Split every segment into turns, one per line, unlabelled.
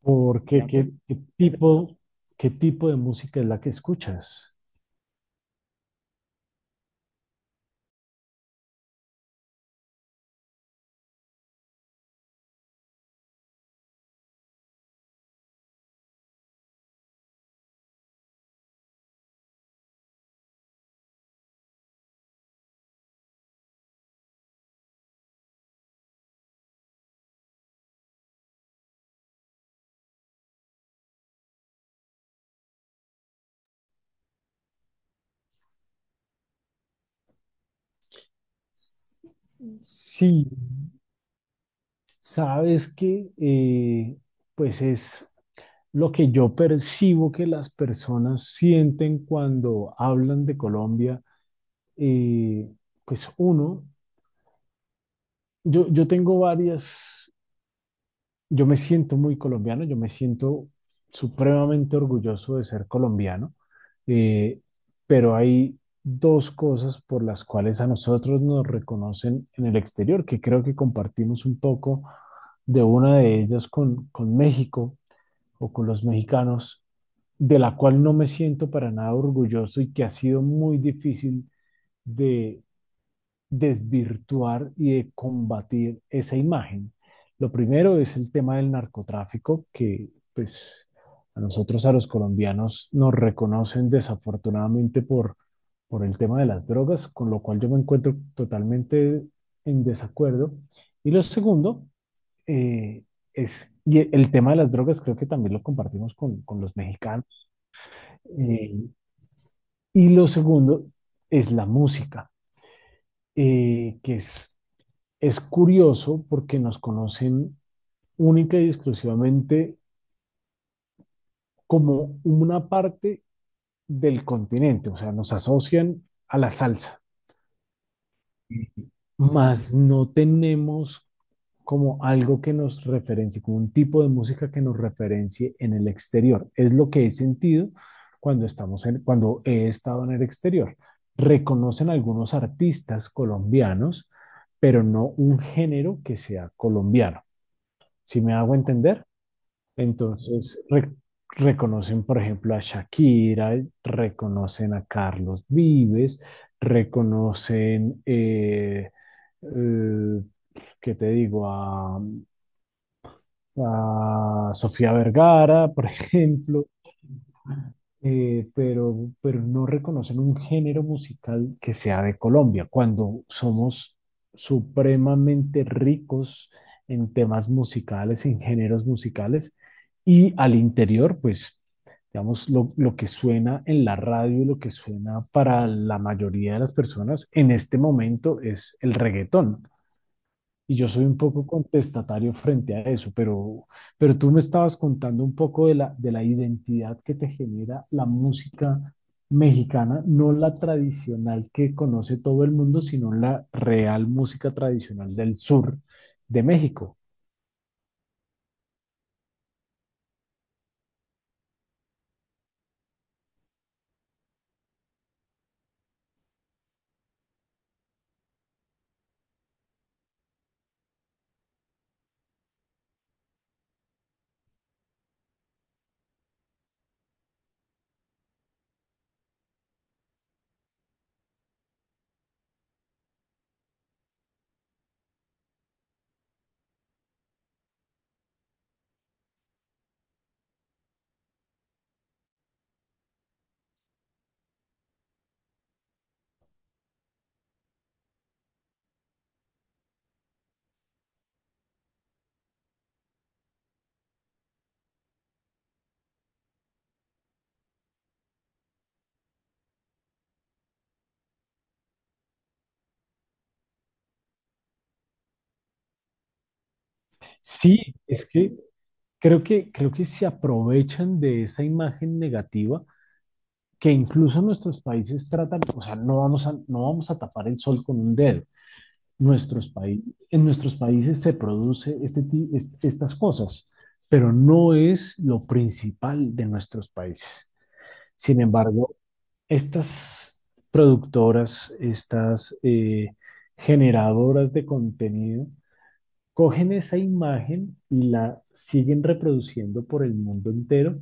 Porque ¿qué, qué tipo de música es la que escuchas? Sí, sabes que pues es lo que yo percibo que las personas sienten cuando hablan de Colombia. eh, pues uno, yo tengo varias, yo me siento muy colombiano, yo me siento supremamente orgulloso de ser colombiano. Eh, pero hay dos cosas por las cuales a nosotros nos reconocen en el exterior, que creo que compartimos un poco de una de ellas con México o con los mexicanos, de la cual no me siento para nada orgulloso y que ha sido muy difícil de desvirtuar y de combatir esa imagen. Lo primero es el tema del narcotráfico, que pues a nosotros, a los colombianos, nos reconocen desafortunadamente por el tema de las drogas, con lo cual yo me encuentro totalmente en desacuerdo. Y lo segundo eh, y el tema de las drogas creo que también lo compartimos con los mexicanos. Eh, y lo segundo es la música, que es curioso porque nos conocen única y exclusivamente como una parte del continente, o sea, nos asocian a la salsa, mas no tenemos como algo que nos referencie, como un tipo de música que nos referencie en el exterior. Es lo que he sentido cuando he estado en el exterior. Reconocen algunos artistas colombianos, pero no un género que sea colombiano. ¿Sí me hago entender? Entonces, reconocen, por ejemplo, a Shakira, reconocen a Carlos Vives, reconocen, eh, eh, ¿qué te digo? A Sofía Vergara, por ejemplo. Pero no reconocen un género musical que sea de Colombia, cuando somos supremamente ricos en temas musicales, en géneros musicales, y al interior, pues, digamos, lo que suena en la radio, y lo que suena para la mayoría de las personas en este momento es el reggaetón. Y yo soy un poco contestatario frente a eso, pero tú me estabas contando un poco de la identidad que te genera la música mexicana, no la tradicional que conoce todo el mundo, sino la real música tradicional del sur de México. Sí, es que creo que se aprovechan de esa imagen negativa que incluso nuestros países tratan, o sea, no vamos a tapar el sol con un dedo. Nuestros paí- en nuestros países se produce estas cosas, pero no es lo principal de nuestros países. Sin embargo, estas productoras, estas generadoras de contenido, cogen esa imagen y la siguen reproduciendo por el mundo entero,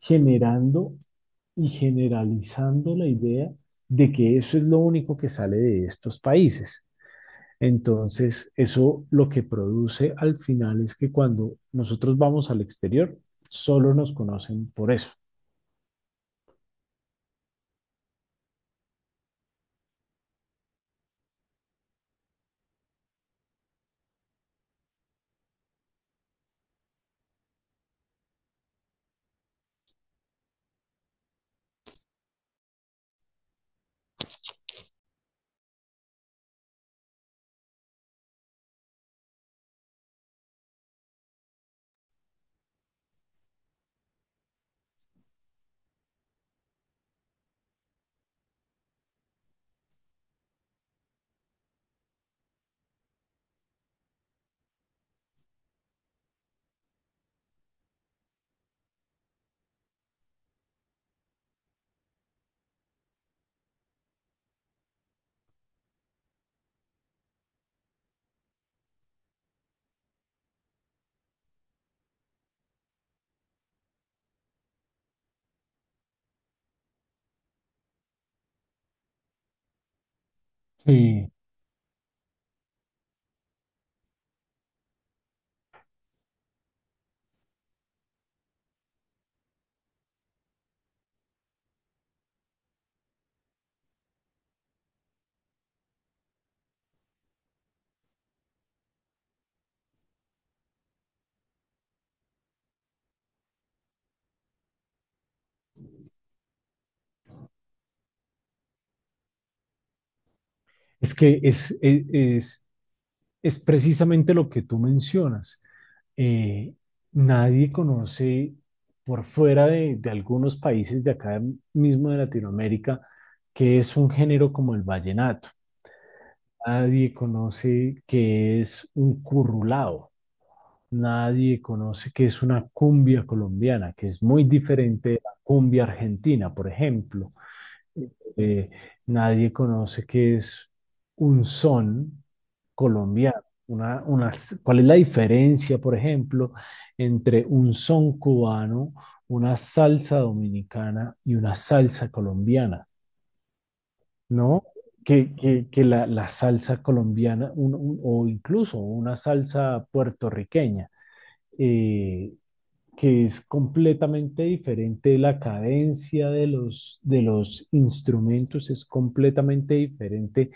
generando y generalizando la idea de que eso es lo único que sale de estos países. Entonces, eso lo que produce al final es que cuando nosotros vamos al exterior, solo nos conocen por eso. Sí. Es que es precisamente lo que tú mencionas. Eh, nadie conoce por fuera de algunos países de acá mismo de Latinoamérica que es un género como el vallenato. Nadie conoce que es un currulao. Nadie conoce qué es una cumbia colombiana, que es muy diferente de la cumbia argentina, por ejemplo. Eh, nadie conoce qué es un son colombiano. Una, una- ¿Cuál es la diferencia, por ejemplo, entre un son cubano, una salsa dominicana y una salsa colombiana? ¿No? La salsa colombiana o incluso una salsa puertorriqueña. eh, que es completamente diferente, la cadencia de los instrumentos es completamente diferente,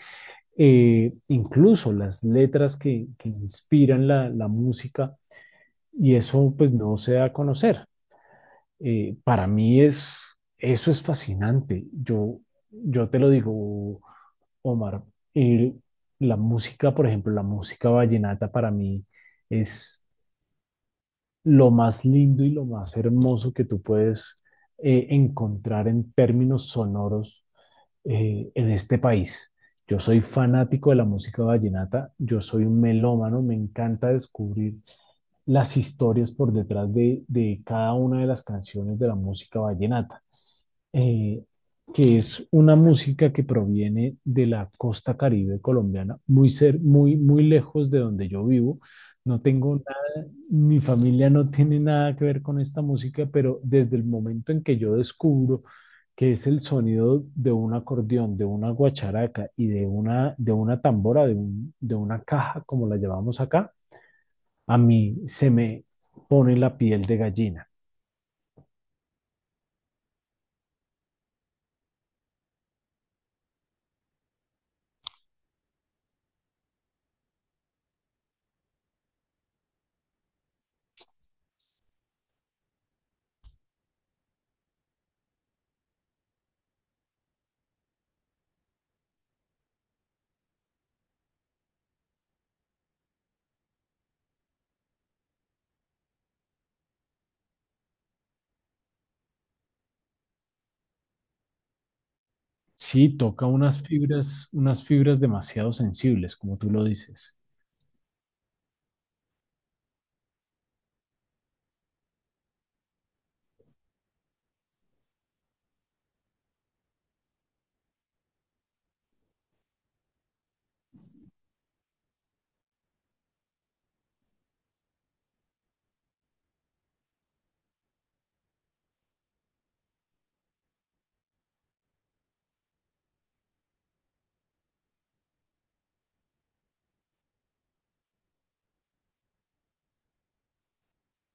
incluso las letras que inspiran música y eso pues no se da a conocer. Para mí es, eso es fascinante, yo te lo digo, Omar, eh, la música, por ejemplo, la música vallenata para mí es lo más lindo y lo más hermoso que tú puedes encontrar en términos sonoros en este país. Yo soy fanático de la música vallenata, yo soy un melómano, me encanta descubrir las historias por detrás de cada una de las canciones de la música vallenata, eh, que es una música que proviene de la costa caribe colombiana, muy lejos de donde yo vivo. No tengo mi familia no tiene nada que ver con esta música, pero desde el momento en que yo descubro que es el sonido de un acordeón, de una guacharaca y de una tambora, de una caja, como la llamamos acá, a mí se me pone la piel de gallina. Sí, toca unas fibras demasiado sensibles, como tú lo dices.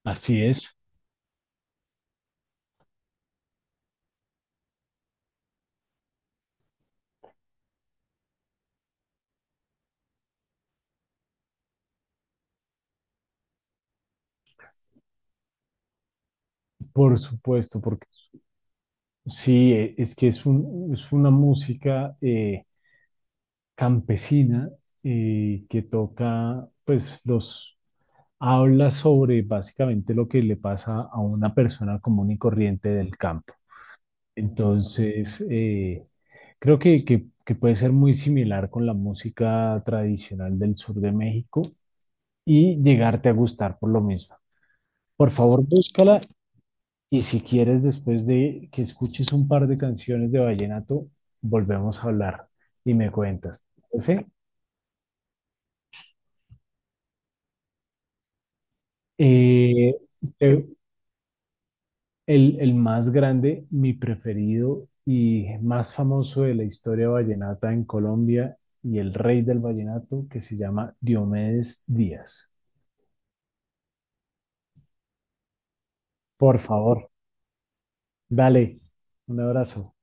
Así es, por supuesto, porque sí, es que es una música campesina, que toca, pues los habla sobre básicamente lo que le pasa a una persona común y corriente del campo. Entonces, que puede ser muy similar con la música tradicional del sur de México y llegarte a gustar por lo mismo. Por favor, búscala y si quieres, después de que escuches un par de canciones de vallenato, volvemos a hablar y me cuentas. ¿Sí? Eh, te- el más grande, mi preferido y más famoso de la historia vallenata en Colombia y el rey del vallenato que se llama Diomedes Díaz. Por favor, dale, un abrazo.